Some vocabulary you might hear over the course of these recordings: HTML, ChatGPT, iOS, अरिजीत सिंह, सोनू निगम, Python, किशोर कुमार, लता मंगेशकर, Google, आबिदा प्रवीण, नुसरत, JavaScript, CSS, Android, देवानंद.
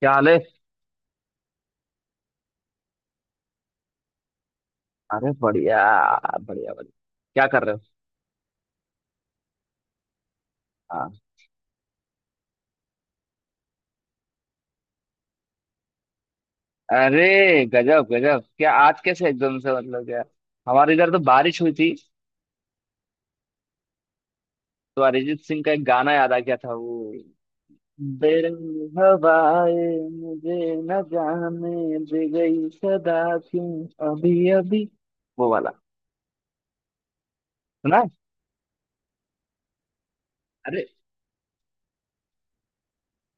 क्या हाल है? अरे, बढ़िया बढ़िया बढ़िया। क्या कर रहे हो? हाँ। अरे, गजब गजब। क्या आज कैसे एकदम से मतलब क्या, हमारे इधर तो बारिश हुई थी तो अरिजीत सिंह का एक गाना याद आ गया था, वो बेरंगी हवाएं मुझे न जाने दे गई सदा, क्यों अभी अभी, वो वाला सुना है। अरे,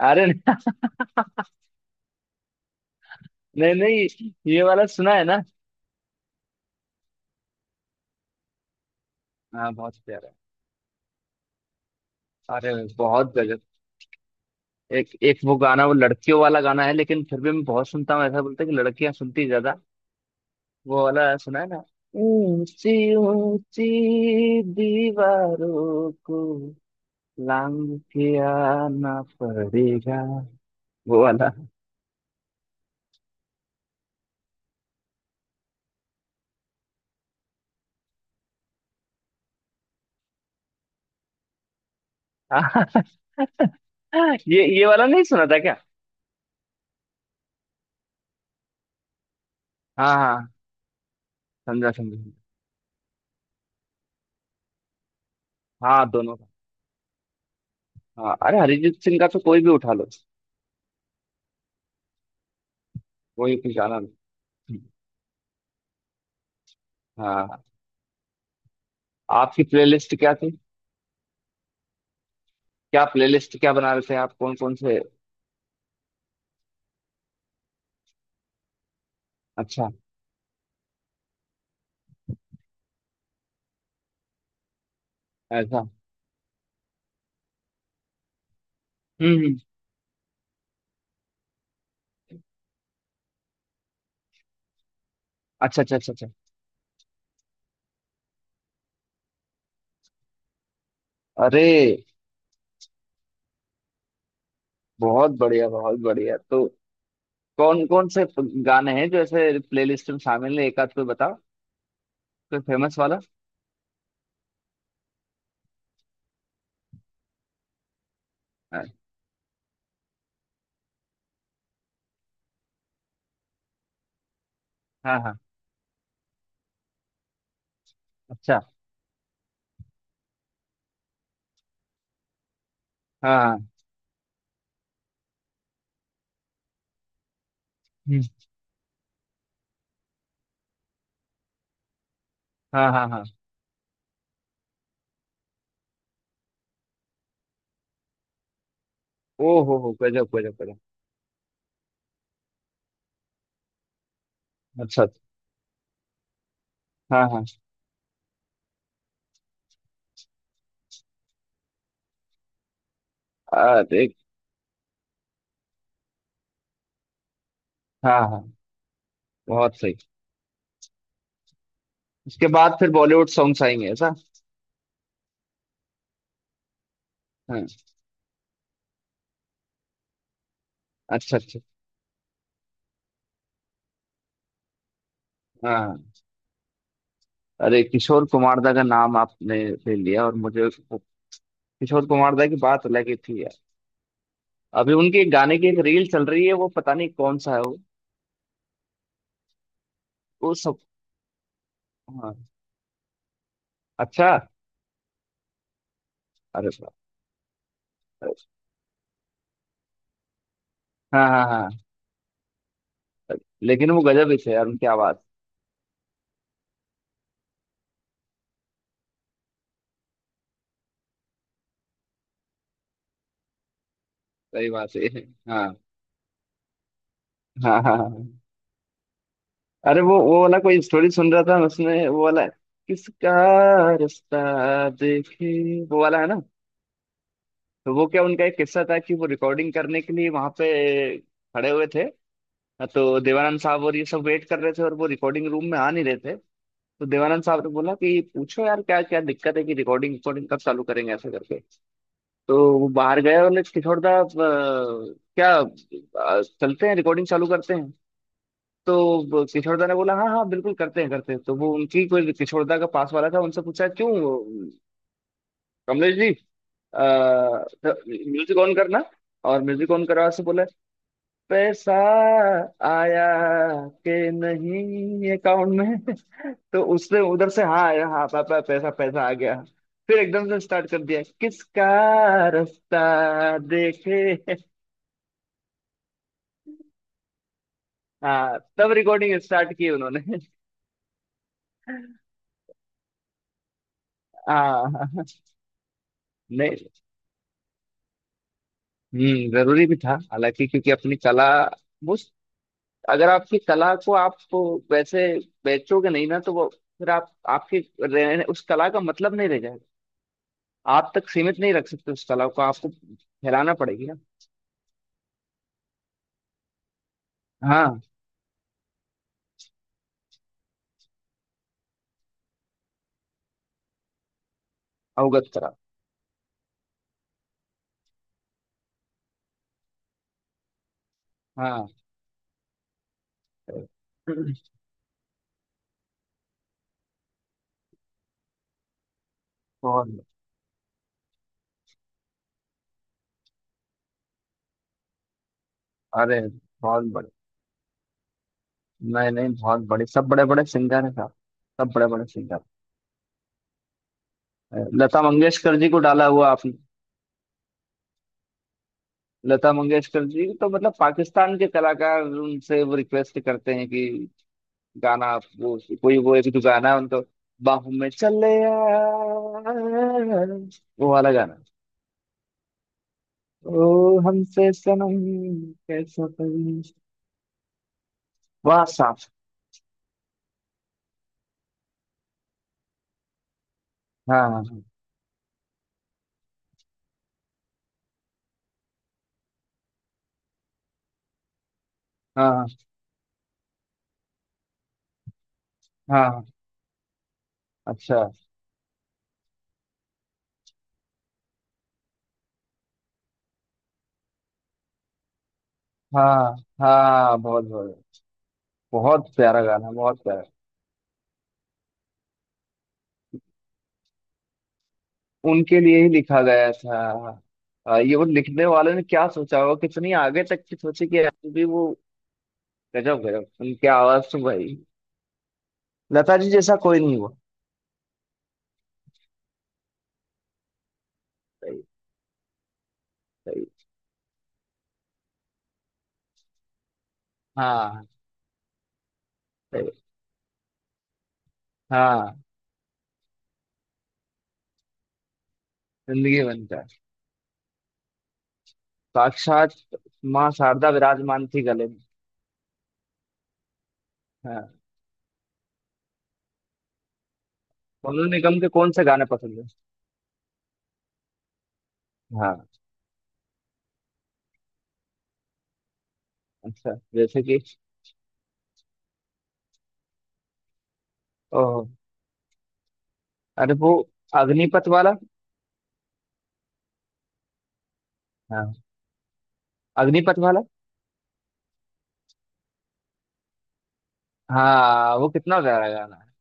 अरे नहीं नहीं, ये वाला सुना है ना। हाँ, बहुत प्यारा है। अरे, बहुत गजब। एक एक वो गाना, वो लड़कियों वाला गाना है लेकिन फिर भी मैं बहुत सुनता हूँ। ऐसा बोलते हैं कि लड़कियां सुनती ज्यादा। वो वाला सुना है ना, ऊंची ऊंची दीवारों को लांग के आना पड़ेगा, वो वाला। ये वाला नहीं सुना था क्या? हाँ हाँ, समझा समझा समझा। हाँ, दोनों का। हाँ, अरे अरिजीत सिंह का तो कोई भी उठा लो, कोई भी गाना लो। हाँ। आपकी प्लेलिस्ट क्या थी? क्या प्लेलिस्ट, क्या बना रहे थे आप, कौन कौन से? अच्छा। ऐसा। हम्म। अच्छा अच्छा अच्छा अच्छा। अरे, बहुत बढ़िया, बहुत बढ़िया। तो कौन कौन से गाने हैं जो ऐसे प्लेलिस्ट में शामिल है, एक आध कोई बताओ, कोई फेमस वाला। हाँ हाँ हाँ। अच्छा। हाँ हाँ। हम्म। हाँ हाँ हाँ। ओ हो, गजब गजब गजब। अच्छा अच्छा। हाँ हाँ। अरे, हाँ हाँ, बहुत सही। उसके बाद फिर बॉलीवुड सॉन्ग्स आएंगे, ऐसा? हाँ। अच्छा अच्छा। हाँ हाँ। अरे, किशोर कुमार दा का नाम आपने ले लिया और मुझे किशोर कुमार दा की बात अलग ही थी। अभी उनके गाने की एक रील चल रही है, वो पता नहीं कौन सा है वो सब। हाँ। अच्छा, अरे बाप रे। हाँ हाँ हाँ, लेकिन वो गजब ही थे यार, उनकी आवाज। सही बात है। हाँ हाँ हाँ हाँ। अरे वो वाला कोई स्टोरी सुन रहा था मैं, उसमें वो वाला है, किसका रास्ता देखे वो वाला है ना, तो वो क्या उनका एक किस्सा था कि वो रिकॉर्डिंग करने के लिए वहां पे खड़े हुए थे। हाँ, तो देवानंद साहब और ये सब वेट कर रहे थे और वो रिकॉर्डिंग रूम में आ नहीं रहे थे। तो देवानंद साहब ने बोला कि पूछो यार, क्या क्या दिक्कत है, कि रिकॉर्डिंग रिकॉर्डिंग कब चालू करेंगे, ऐसा करके। तो वो बाहर गए और बोले, किशोर दा, क्या, चलते हैं, रिकॉर्डिंग चालू करते हैं। तो किशोर दा ने बोला, हाँ हाँ, बिल्कुल करते हैं करते हैं। तो वो उनकी कोई, किशोर दा का पास वाला था, उनसे पूछा, क्यों कमलेश जी, म्यूजिक ऑन करना। और म्यूजिक ऑन करवा से बोला, पैसा आया के नहीं अकाउंट में। तो उसने उधर से, हाँ आया, हाँ पापा, पैसा पैसा आ गया। फिर एकदम से स्टार्ट कर दिया, किसका रास्ता देखे। हाँ, तब रिकॉर्डिंग स्टार्ट की उन्होंने। हाँ हाँ। नहीं, हम्म, जरूरी भी था हालांकि, क्योंकि अपनी कला वो, अगर आपकी कला को आप वैसे बेचोगे नहीं ना तो वो, फिर आप आपके रहने उस कला का मतलब नहीं रह जाएगा। आप तक सीमित नहीं रख सकते उस कला को, आपको फैलाना पड़ेगी ना। हाँ, अवगत करा। हाँ, बहुत। अरे, बहुत बड़े, नहीं नहीं, बहुत बड़े, सब बड़े बड़े सिंगर हैं साहब, सब बड़े बड़े सिंगर। लता मंगेशकर जी को डाला हुआ आपने? लता मंगेशकर जी तो मतलब पाकिस्तान के कलाकार उनसे वो रिक्वेस्ट करते हैं कि गाना आप, वो कोई वो एक जो गाना है उनको, बाहों में चले आ, वो वाला गाना। ओ हमसे सनम कैसा करूँ। वाह साहब। हाँ हाँ हाँ। अच्छा। हाँ हाँ। बहुत बहुत, बहुत प्यारा गाना, बहुत प्यारा। उनके लिए ही लिखा गया था। ये वो लिखने वाले ने क्या सोचा होगा, कितनी आगे तक की सोची कि यार भी वो, गजब गजब। उनकी आवाज तो भाई, लता जी जैसा कोई नहीं हुआ। सही। सही। हाँ। सही। हाँ, जिंदगी बनता है। साक्षात माँ शारदा विराजमान थी गले में। हाँ। सोनू निगम के कौन से गाने पसंद है? हाँ। अच्छा जैसे कि। ओह, अरे वो अग्निपथ वाला। हाँ, अग्निपथ वाला। हाँ, वो कितना प्यारा गाना है,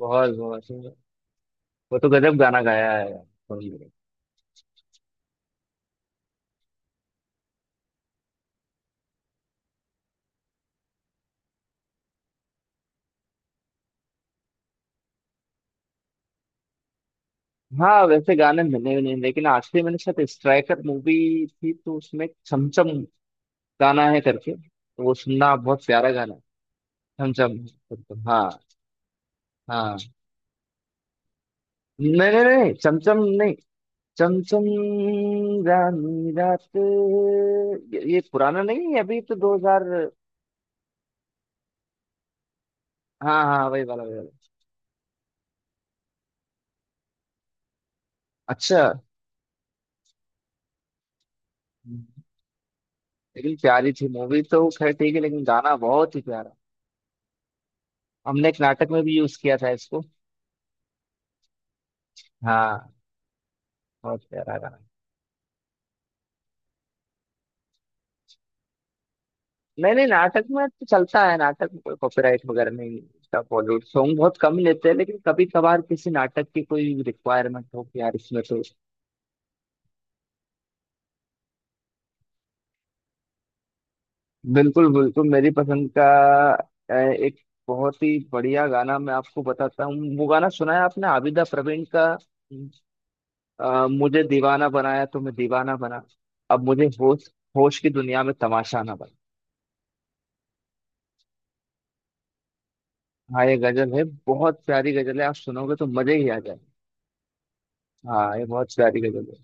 बहुत बहुत सुंदर। वो तो गजब गाना गाया है सोनू निगम। हाँ, वैसे गाने मिले भी नहीं, लेकिन आखिरी मैंने शायद स्ट्राइकर मूवी थी, तो उसमें छमछम गाना है करके, तो वो सुनना, बहुत प्यारा गाना है। छमछम छमछम, हाँ। हाँ, नहीं नहीं नहीं, चमचम नहीं, चमचम रानी रात ये पुराना नहीं है, अभी तो 2000। हाँ हाँ, वही वाला वही वाला। अच्छा, लेकिन प्यारी थी मूवी, तो खैर ठीक है, लेकिन गाना बहुत ही प्यारा। हमने एक नाटक में भी यूज किया था इसको। हाँ, बहुत प्यारा गाना। नहीं नहीं, नाटक में तो चलता है, नाटक में कोई कॉपीराइट वगैरह नहीं। इसका बॉलीवुड सॉन्ग बहुत कम लेते हैं, लेकिन कभी कभार किसी नाटक की कोई रिक्वायरमेंट हो कि यार इसमें तो। बिल्कुल बिल्कुल, मेरी पसंद का, एक बहुत ही बढ़िया गाना मैं आपको बताता हूँ, वो गाना सुना है आपने आबिदा प्रवीण का, मुझे दीवाना बनाया तो मैं दीवाना बना, अब मुझे होश, होश की दुनिया में तमाशा ना बना। हाँ, ये गजल है, बहुत प्यारी गजल है, आप सुनोगे तो मजे ही आ जाए। हाँ, ये बहुत प्यारी गजल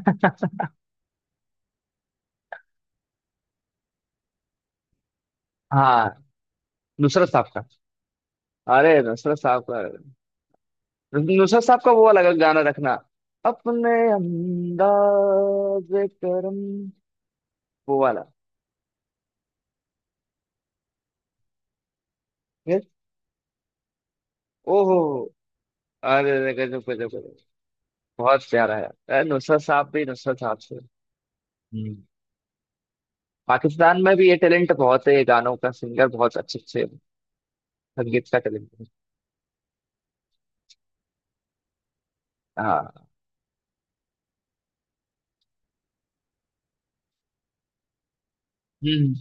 है। हाँ, नुसरत साहब का। अरे, नुसरत साहब का। नुसरत साहब का वो अलग गाना रखना, अपने अंदाज करम, वो वाला। ओहो, अरे अरे, गजब गजब गजब। बहुत प्यारा है, अरे नुसरत साहब भी, नुसरत साहब से। हम्म। पाकिस्तान में भी ये टैलेंट बहुत है, ये गानों का सिंगर बहुत अच्छे अच्छे, संगीत का टैलेंट है। हाँ। हम्म,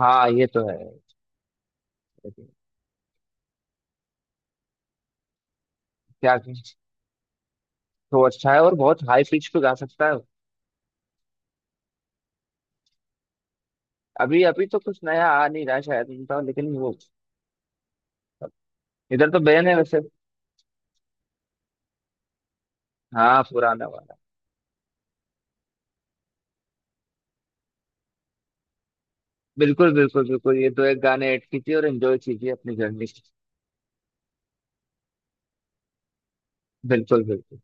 हाँ ये तो है। क्या, तो अच्छा है, और बहुत हाई पिच पे गा सकता है। अभी अभी तो कुछ नया आ नहीं रहा शायद उनका, लेकिन वो इधर तो बैन है वैसे। हाँ, पुराना वाला। बिल्कुल बिल्कुल बिल्कुल, ये तो एक गाने ऐड कीजिए और एंजॉय कीजिए अपनी जर्नी। बिल्कुल बिल्कुल।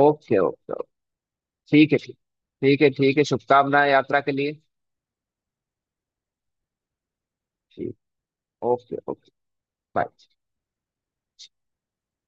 Okay okay. ठीक है, ठीक। ठीक है, ठीक है, शुभकामनाएं यात्रा के लिए। ठीक। Okay okay. बाय।